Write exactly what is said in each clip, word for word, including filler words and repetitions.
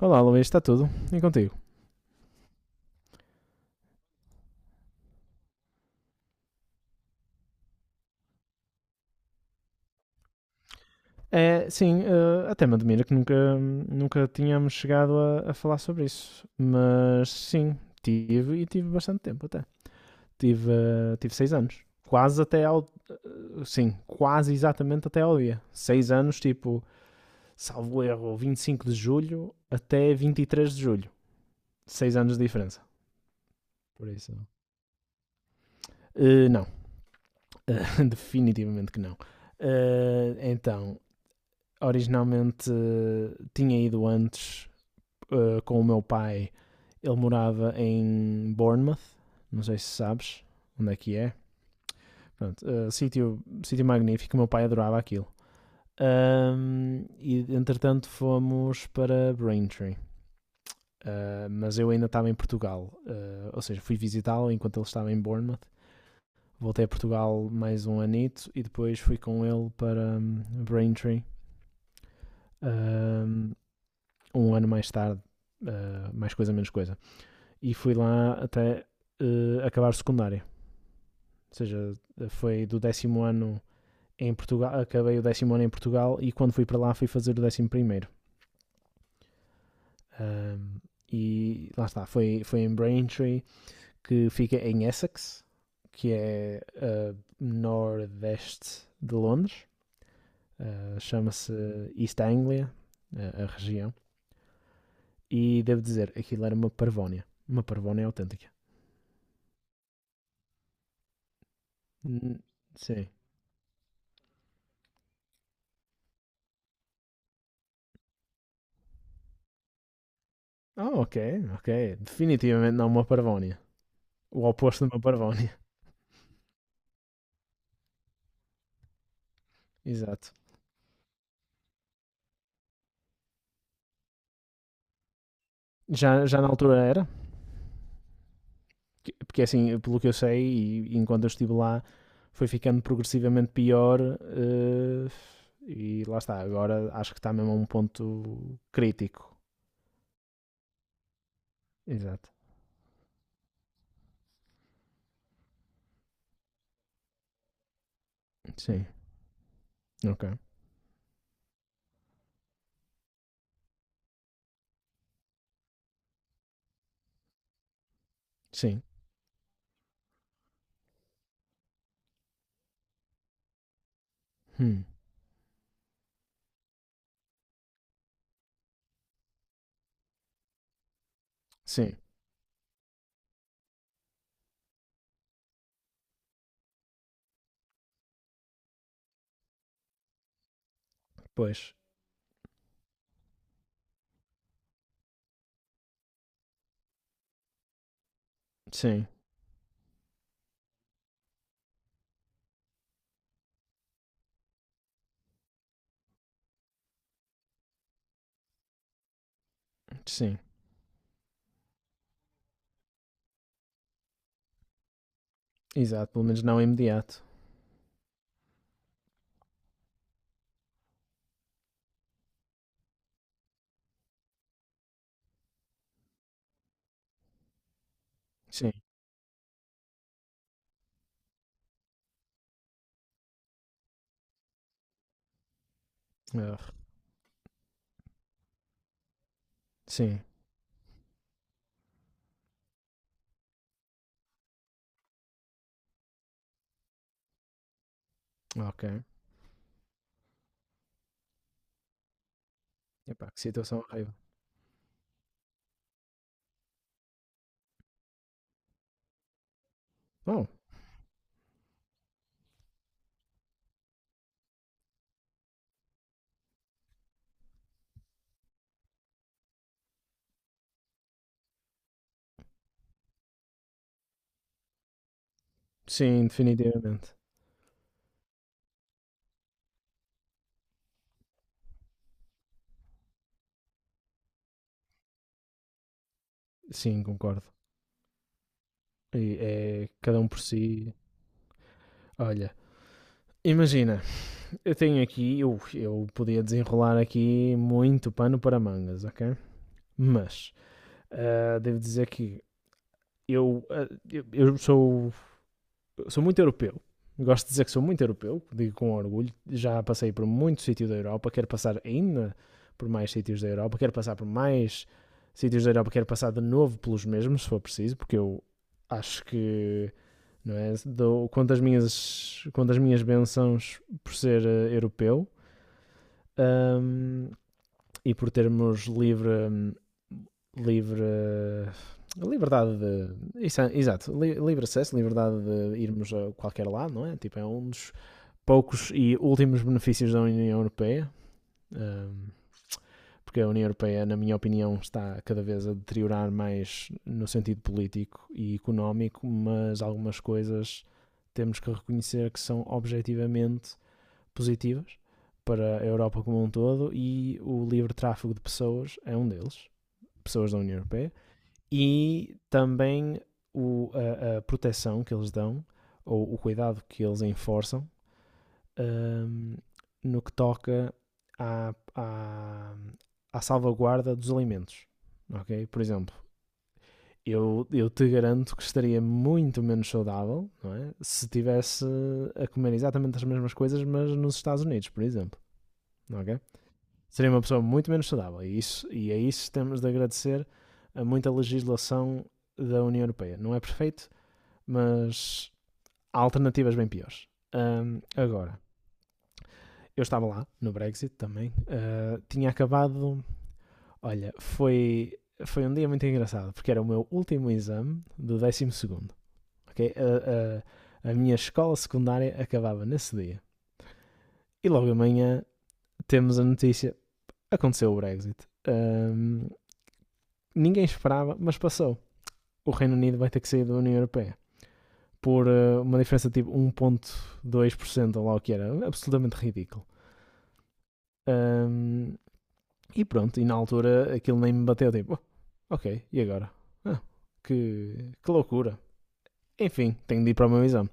Olá, Luís, está tudo? E contigo? É, sim, eh, até me admira que nunca, nunca tínhamos chegado a, a falar sobre isso. Mas sim, tive e tive bastante tempo até. Tive, eh, tive seis anos. Quase até ao. Eh, Sim, quase exatamente até ao dia. Seis anos, tipo, salvo erro, vinte e cinco de julho até vinte e três de julho. Seis anos de diferença. Por isso. Eh, não. Eh, definitivamente que não. Eh, então, originalmente eh, tinha ido antes eh, com o meu pai. Ele morava em Bournemouth, não sei se sabes onde é que é. Pronto, eh, sítio, sítio magnífico, meu pai adorava aquilo. Ahm, e entretanto fomos para Braintree. Ah, mas eu ainda estava em Portugal. Ah, ou seja, fui visitá-lo enquanto ele estava em Bournemouth. Voltei a Portugal mais um anito e depois fui com ele para hum, Braintree. Ahm, Um ano mais tarde, eh, mais coisa, menos coisa. E fui lá até eh, acabar secundária. Ou seja, foi do décimo ano em Portugal, acabei o décimo ano em Portugal e quando fui para lá fui fazer o décimo primeiro. Ahm, e lá está, foi, foi em Braintree, que fica em Essex, que é ah, nordeste de Londres. Ah, chama-se East Anglia, a, a região. E devo dizer, aquilo era uma parvónia. Uma parvónia autêntica. Hum, Sim. Ah, ok, ok. Definitivamente não uma parvónia. O oposto de uma parvónia. Exato. Já, já na altura era? Que- Porque assim, pelo que eu sei, e enquanto eu estive lá, foi ficando progressivamente pior. Eh, e lá está, agora acho que está mesmo a um ponto crítico. Exato. Sim. Ok. Sim. Hum. Sim. Pois. Sim. Sim. Exato. Pelo menos não imediato. Sim. Ah, sim. Ok. Epá, que situação horrível. Oh, sim, definitivamente. Sim, concordo. E é cada um por si. Olha, imagina, eu tenho aqui, eu, eu podia desenrolar aqui muito pano para mangas, ok? Mas ah, devo dizer que eu, ah, eu, eu sou Eu sou muito europeu. Gosto de dizer que sou muito europeu, digo com orgulho. Já passei por muito sítio da Europa, quero passar ainda por mais sítios da Europa, quero passar por mais sítios da Europa, quero passar de novo pelos mesmos, se for preciso, porque eu acho que, não é? Dou, conto, as minhas, Conto as minhas bênçãos por ser eh, europeu, hum, e por termos livre, hum, livre liberdade de. Isso é- exato, li- livre acesso, liberdade de irmos a qualquer lado, não é? Tipo, é um dos poucos e últimos benefícios da União Europeia, um, porque a União Europeia, na minha opinião, está cada vez a deteriorar mais no sentido político e económico, mas algumas coisas temos que reconhecer que são objetivamente positivas para a Europa como um todo, e o livre tráfego de pessoas é um deles, pessoas da União Europeia. E também o, a, a proteção que eles dão, ou o cuidado que eles enforçam, hum, no que toca à, à, à salvaguarda dos alimentos. Ok? Por exemplo, eu, eu te garanto que estaria muito menos saudável, não é, se tivesse a comer exatamente as mesmas coisas, mas nos Estados Unidos, por exemplo. Ok? Seria uma pessoa muito menos saudável. E, isso, e a isso temos de agradecer a muita legislação da União Europeia. Não é perfeito, mas há alternativas bem piores. Hum, agora, eu estava lá no Brexit também. Ah, tinha acabado. Olha, foi, foi um dia muito engraçado, porque era o meu último exame do décimo segundo. Ok? A, a, a minha escola secundária acabava nesse dia. E logo amanhã temos a notícia: aconteceu o Brexit. Ahm, Ninguém esperava, mas passou. O Reino Unido vai ter que sair da União Europeia por ah, uma diferença tipo um vírgula dois por cento ou lá o que era. Absolutamente ridículo. Ahm, E pronto, e na altura aquilo nem me bateu, tipo, "Oh, ok, e agora? Ah, que, que loucura. Enfim, tenho de ir para o meu exame."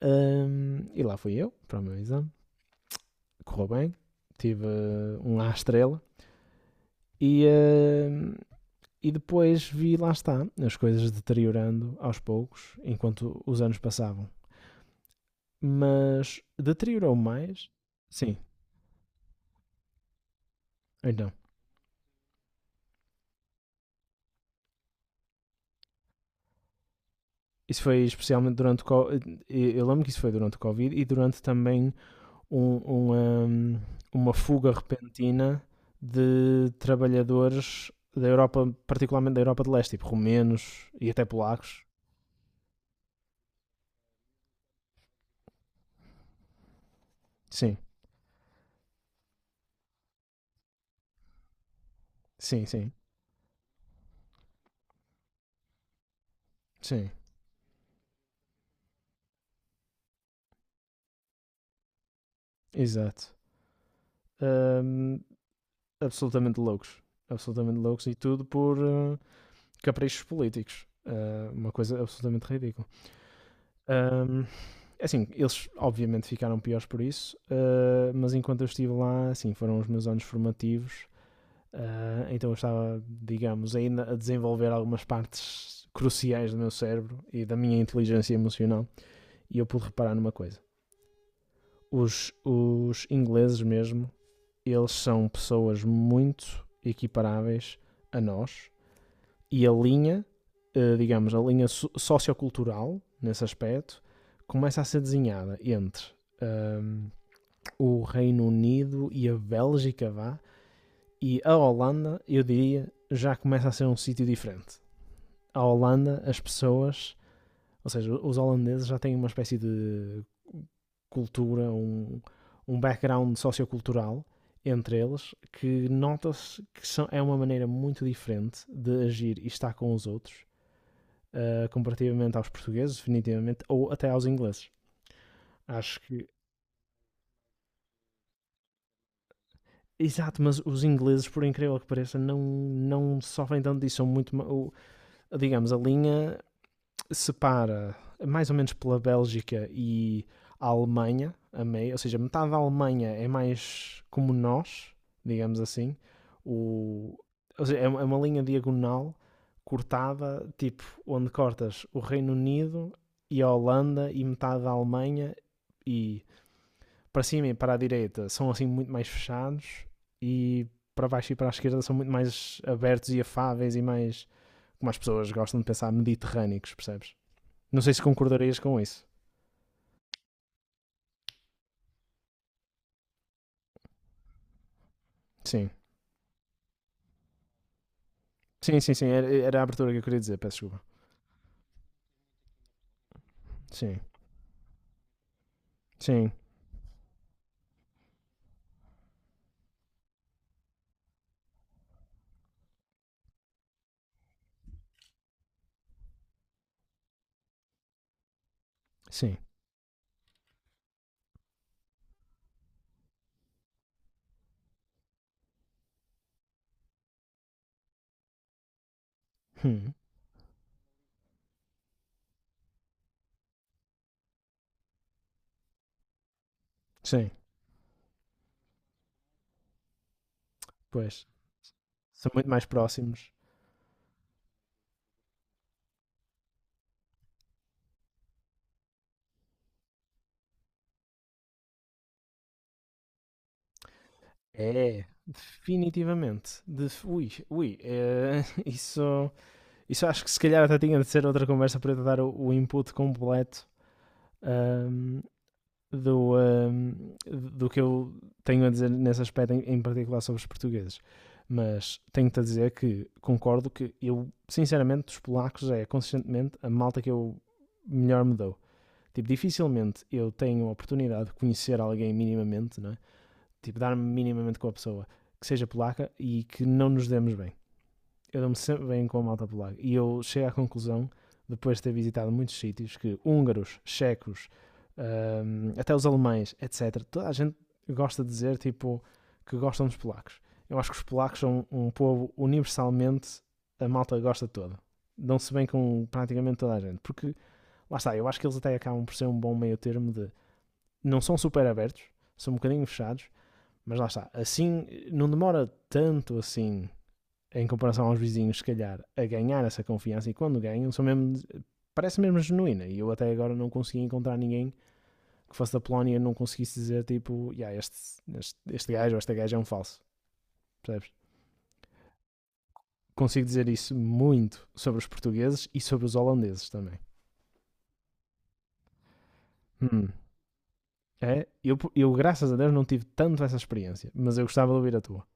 Ahm, e lá fui eu, para o meu exame. Correu bem, tive eh, um à estrela. E, ahm, e depois vi, lá está, as coisas deteriorando aos poucos, enquanto os anos passavam. Mas deteriorou mais? Sim, então. Isso foi especialmente durante o co- Eu eu lembro que isso foi durante o Covid e durante também um- uma, uma fuga repentina de trabalhadores da Europa, particularmente da Europa de Leste, tipo romenos e até polacos. Sim, sim, sim, sim, exato. Hum, Absolutamente loucos, absolutamente loucos, e tudo por eh, caprichos políticos. Eh, uma coisa absolutamente ridícula. Hum, assim, eles obviamente ficaram piores por isso, eh, mas enquanto eu estive lá, assim, foram os meus anos formativos. Ah, então eu estava, digamos, ainda a desenvolver algumas partes cruciais do meu cérebro e da minha inteligência emocional. E eu pude reparar numa coisa: os, os ingleses, mesmo, eles são pessoas muito equiparáveis a nós, e a linha, eh, digamos, a linha so- sociocultural nesse aspecto começa a ser desenhada entre ahm, o Reino Unido e a Bélgica, vá, e a Holanda, eu diria, já começa a ser um sítio diferente. À Holanda, as pessoas, ou seja, os holandeses, já têm uma espécie de cultura, um, um background sociocultural entre eles, que nota-se que são, é uma maneira muito diferente de agir e estar com os outros, uh, comparativamente aos portugueses, definitivamente, ou até aos ingleses. Acho que. Exato, mas os ingleses, por incrível que pareça, não, não sofrem tanto disso. São muito. ma- Digamos, a linha separa mais ou menos pela Bélgica e a Alemanha, a meio, ou seja, metade da Alemanha é mais como nós, digamos assim. o, ou seja, é uma é linha diagonal cortada, tipo, onde cortas o Reino Unido e a Holanda e metade da Alemanha, e para cima e para a direita são assim muito mais fechados, e para baixo e para a esquerda são muito mais abertos e afáveis e mais, como as pessoas gostam de pensar, mediterrâneos, percebes? Não sei se concordarias com isso. Sim. Sim, sim, sim. Era, era a abertura que eu queria dizer, peço desculpa. Sim. Sim. Sim. Hum. Sim. Pois. São muito mais próximos. É, definitivamente. De, ui, ui. É, isso, isso acho que se calhar até tinha de ser outra conversa para eu te dar o, o input completo. Ahm, do, hum, do que eu tenho a dizer nesse aspecto, em, em particular sobre os portugueses. Mas tenho-te a dizer que concordo, que eu, sinceramente, dos polacos é consistentemente a malta que eu melhor me dou. Tipo, dificilmente eu tenho a oportunidade de conhecer alguém minimamente, não é? Tipo, dar-me minimamente com a pessoa que seja polaca e que não nos demos bem. Eu dou-me sempre bem com a malta polaca. E eu chego à conclusão, depois de ter visitado muitos sítios, que húngaros, checos, hum, até os alemães, etcétera, toda a gente gosta de dizer tipo que gostam dos polacos. Eu acho que os polacos são um povo universalmente, a malta gosta toda. Dão-se bem com praticamente toda a gente. Porque, lá está, eu acho que eles até acabam por ser um bom meio termo de. Não são super abertos, são um bocadinho fechados, mas lá está. Assim, não demora tanto assim, em comparação aos vizinhos, se calhar, a ganhar essa confiança, e quando ganham, são mesmo, parece mesmo genuína. E eu até agora não consegui encontrar ninguém que fosse da Polónia e não conseguisse dizer tipo, yeah, este, este, este gajo ou esta gaja é um falso, percebes? Consigo dizer isso muito sobre os portugueses e sobre os holandeses também. Hum. É, eu, eu, graças a Deus, não tive tanto essa experiência, mas eu gostava de ouvir a tua.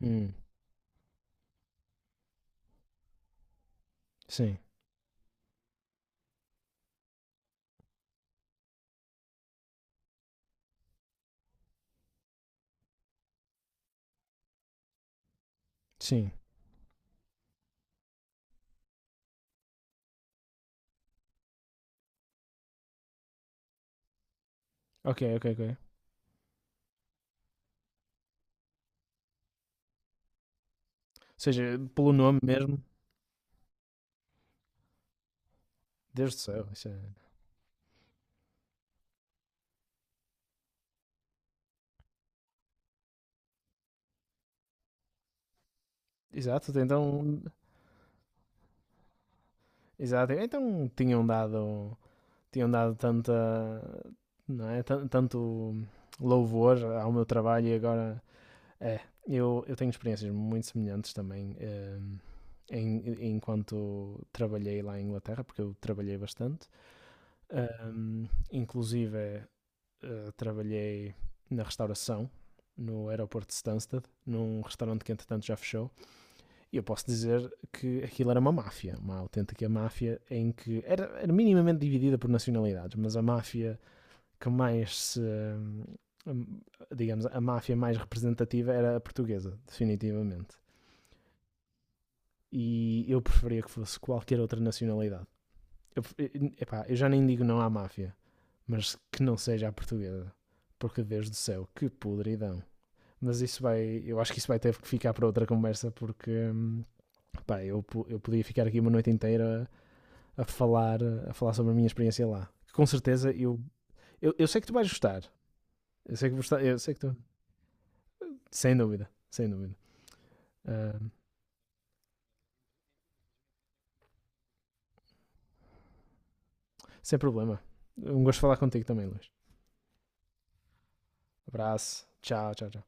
Hum. Sim, sim. Ok, ok, ok. Ou seja, pelo nome mesmo. Deus do céu. Isso é... Exato, então. Exato. Então tinham dado, tinham dado tanta, não é? Tan- Tanto louvor ao meu trabalho e agora é. Eu, eu tenho experiências muito semelhantes também, ehm, em, enquanto trabalhei lá em Inglaterra, porque eu trabalhei bastante. Ehm, inclusive, eh, trabalhei na restauração, no aeroporto de Stansted, num restaurante que entretanto já fechou. E eu posso dizer que aquilo era uma máfia, uma autêntica máfia, em que era, era minimamente dividida por nacionalidades, mas a máfia que mais se. hum, hum, Digamos, a máfia mais representativa era a portuguesa, definitivamente. E eu preferia que fosse qualquer outra nacionalidade. Eu, Epá, eu já nem digo não à máfia, mas que não seja a portuguesa. Porque, Deus do céu, que podridão. Mas isso vai, eu acho que isso vai ter que ficar para outra conversa, porque hum, pá, eu, eu podia ficar aqui uma noite inteira a falar, a falar sobre a minha experiência lá. Com certeza eu, eu, eu sei que tu vais gostar. Eu sei que, gostar- eu sei que tu. Sem dúvida, sem dúvida. Ah, sem problema. Um gosto de falar contigo também, Luís. Abraço. Tchau, tchau, tchau.